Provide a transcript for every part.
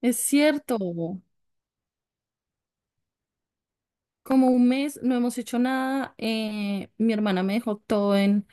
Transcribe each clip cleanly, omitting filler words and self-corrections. Es cierto, como un mes no hemos hecho nada, mi hermana me dejó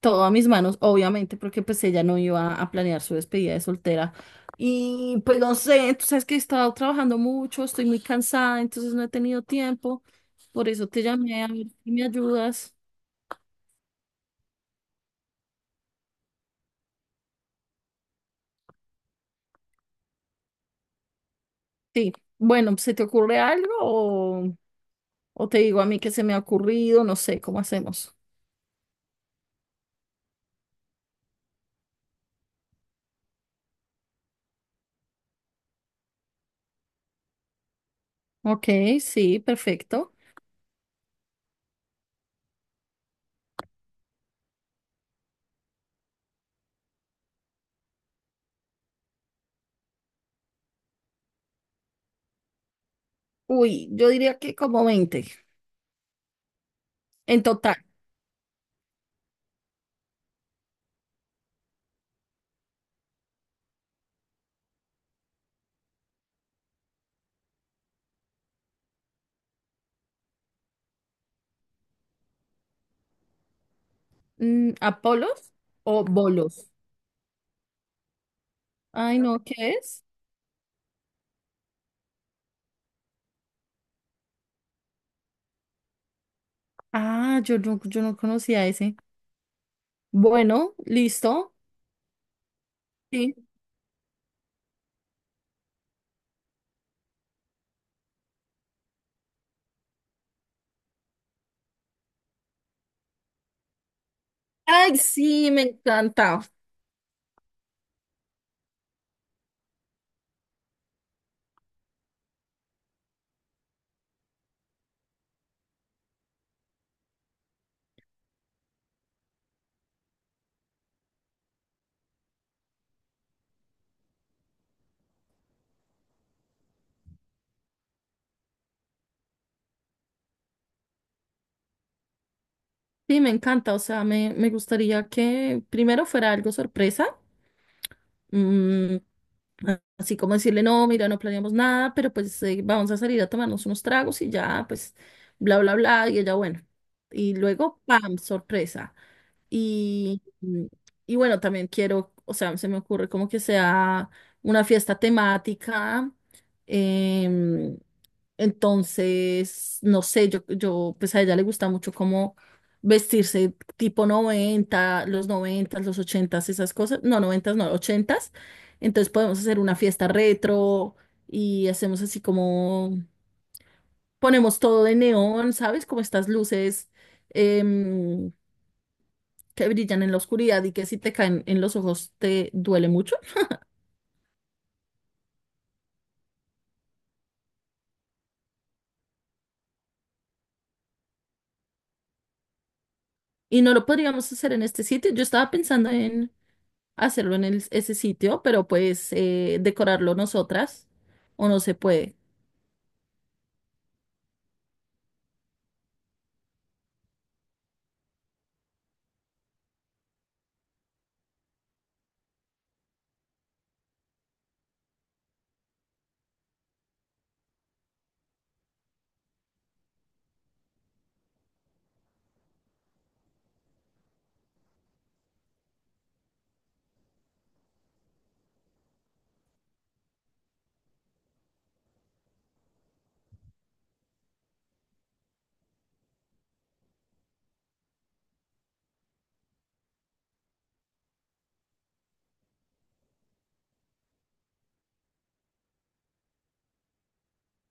todo a mis manos, obviamente, porque pues ella no iba a planear su despedida de soltera. Y pues no sé, tú sabes que he estado trabajando mucho, estoy muy cansada, entonces no he tenido tiempo, por eso te llamé a ver si me ayudas. Sí, bueno, ¿se te ocurre algo o te digo a mí que se me ha ocurrido? No sé, ¿cómo hacemos? Ok, sí, perfecto. Uy, yo diría que como 20 en total. Mm, ¿Apolos o bolos? Ay, no, ¿qué es? Ah, yo no conocía ese. Bueno, listo. Sí. Ay, sí, me encanta. Sí, me encanta. O sea, me gustaría que primero fuera algo sorpresa. Mm, Así como decirle, no, mira, no planeamos nada, pero pues vamos a salir a tomarnos unos tragos y ya, pues, bla, bla, bla. Y ella, bueno. Y luego, ¡pam! Sorpresa. Y, y bueno, también quiero, o sea, se me ocurre como que sea una fiesta temática. em, entonces, no sé, pues a ella le gusta mucho como vestirse tipo 90 los noventas los ochentas esas cosas. No, noventas no, ochentas. Entonces podemos hacer una fiesta retro y hacemos así como, ponemos todo de neón, ¿sabes? Como estas luces, em, que brillan en la oscuridad y que si te caen en los ojos te duele mucho. Y no lo podríamos hacer en este sitio. Yo estaba pensando en hacerlo en ese sitio, pero pues decorarlo nosotras o no se puede.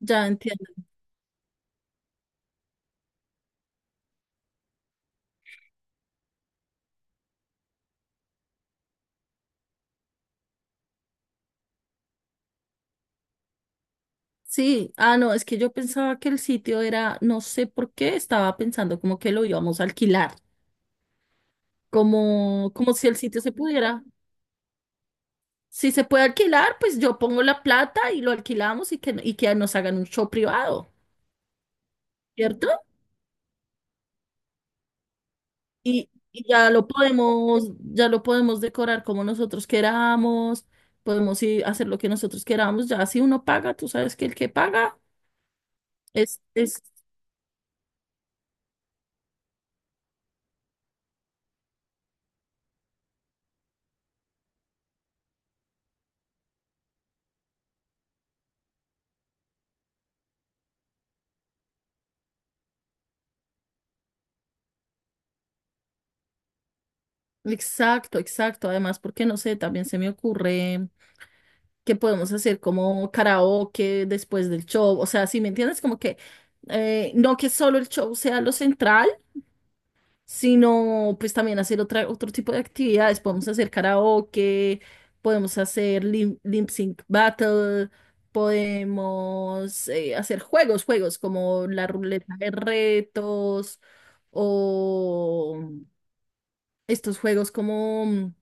Ya entiendo. Sí, ah, no, es que yo pensaba que el sitio era, no sé por qué, estaba pensando como que lo íbamos a alquilar, como si el sitio se pudiera. Si se puede alquilar, pues yo pongo la plata y lo alquilamos y que nos hagan un show privado, ¿cierto? Y ya lo podemos decorar como nosotros queramos, podemos ir a hacer lo que nosotros queramos, ya si uno paga, tú sabes que el que paga es. Exacto, exacto. Además, porque no sé, también se me ocurre que podemos hacer como karaoke después del show. O sea, si me entiendes, como que no que solo el show sea lo central, sino pues también hacer otro tipo de actividades. Podemos hacer karaoke, podemos hacer lip sync battle, podemos hacer juegos como la ruleta de retos o estos juegos como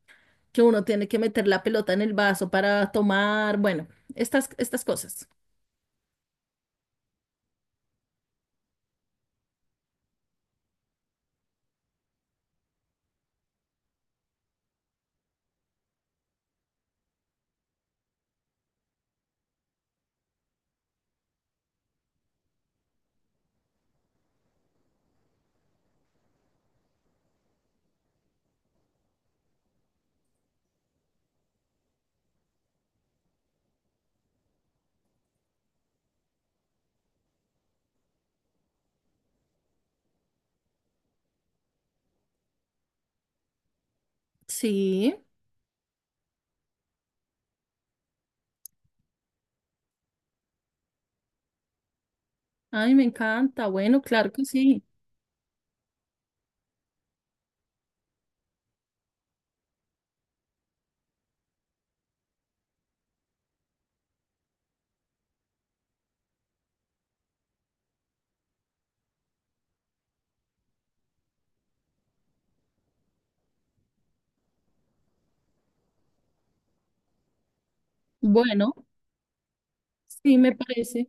que uno tiene que meter la pelota en el vaso para tomar, bueno, estas cosas. Sí, ay, me encanta. Bueno, claro que sí. Bueno, sí, me parece.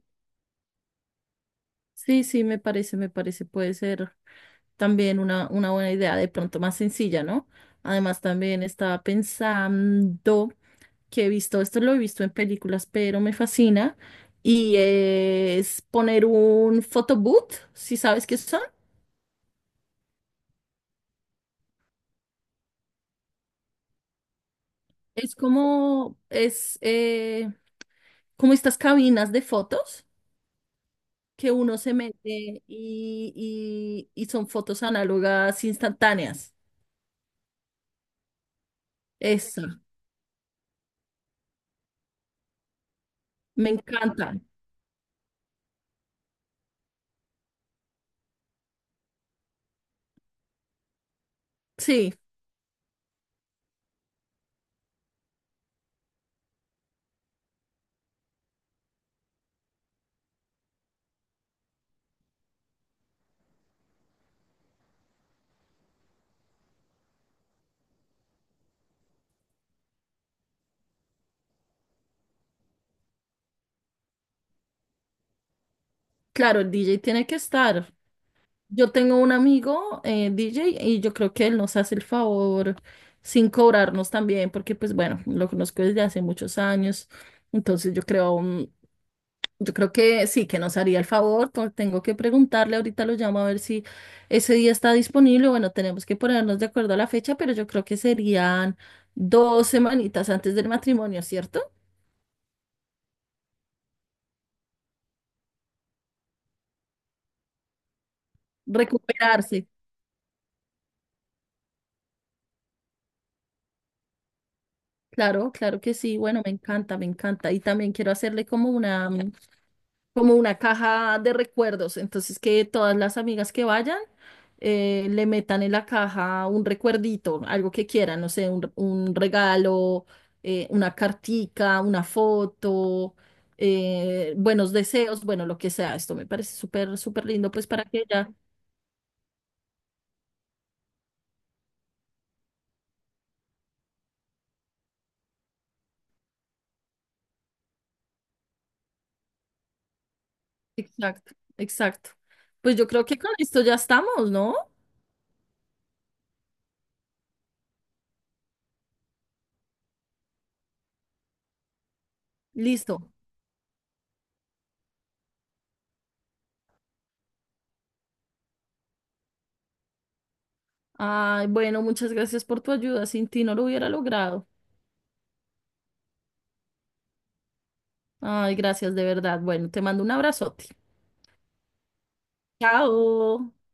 Sí, sí, me parece, puede ser también una buena idea, de pronto más sencilla, ¿no? Además, también estaba pensando que he visto, esto lo he visto en películas, pero me fascina, y es poner un photobooth, si sabes qué son. Es como estas cabinas de fotos que uno se mete y son fotos análogas instantáneas. Eso, me encanta. Sí. Claro, el DJ tiene que estar. Yo tengo un amigo DJ y yo creo que él nos hace el favor sin cobrarnos también, porque pues bueno, lo conozco desde hace muchos años. Entonces yo creo que sí, que nos haría el favor. Tengo que preguntarle, ahorita lo llamo a ver si ese día está disponible. Bueno, tenemos que ponernos de acuerdo a la fecha, pero yo creo que serían 2 semanitas antes del matrimonio, ¿cierto? Recuperarse. Claro, claro que sí. Bueno, me encanta, me encanta. Y también quiero hacerle como una caja de recuerdos. Entonces, que todas las amigas que vayan le metan en la caja un recuerdito, algo que quieran, no sé, un regalo, una cartica, una foto, buenos deseos, bueno, lo que sea. Esto me parece súper, súper lindo, pues para que ya. Exacto, exacto. Pues yo creo que con esto ya estamos, ¿no? Listo. Ay, bueno, muchas gracias por tu ayuda. Sin ti no lo hubiera logrado. Ay, gracias de verdad. Bueno, te mando un abrazote. Chao.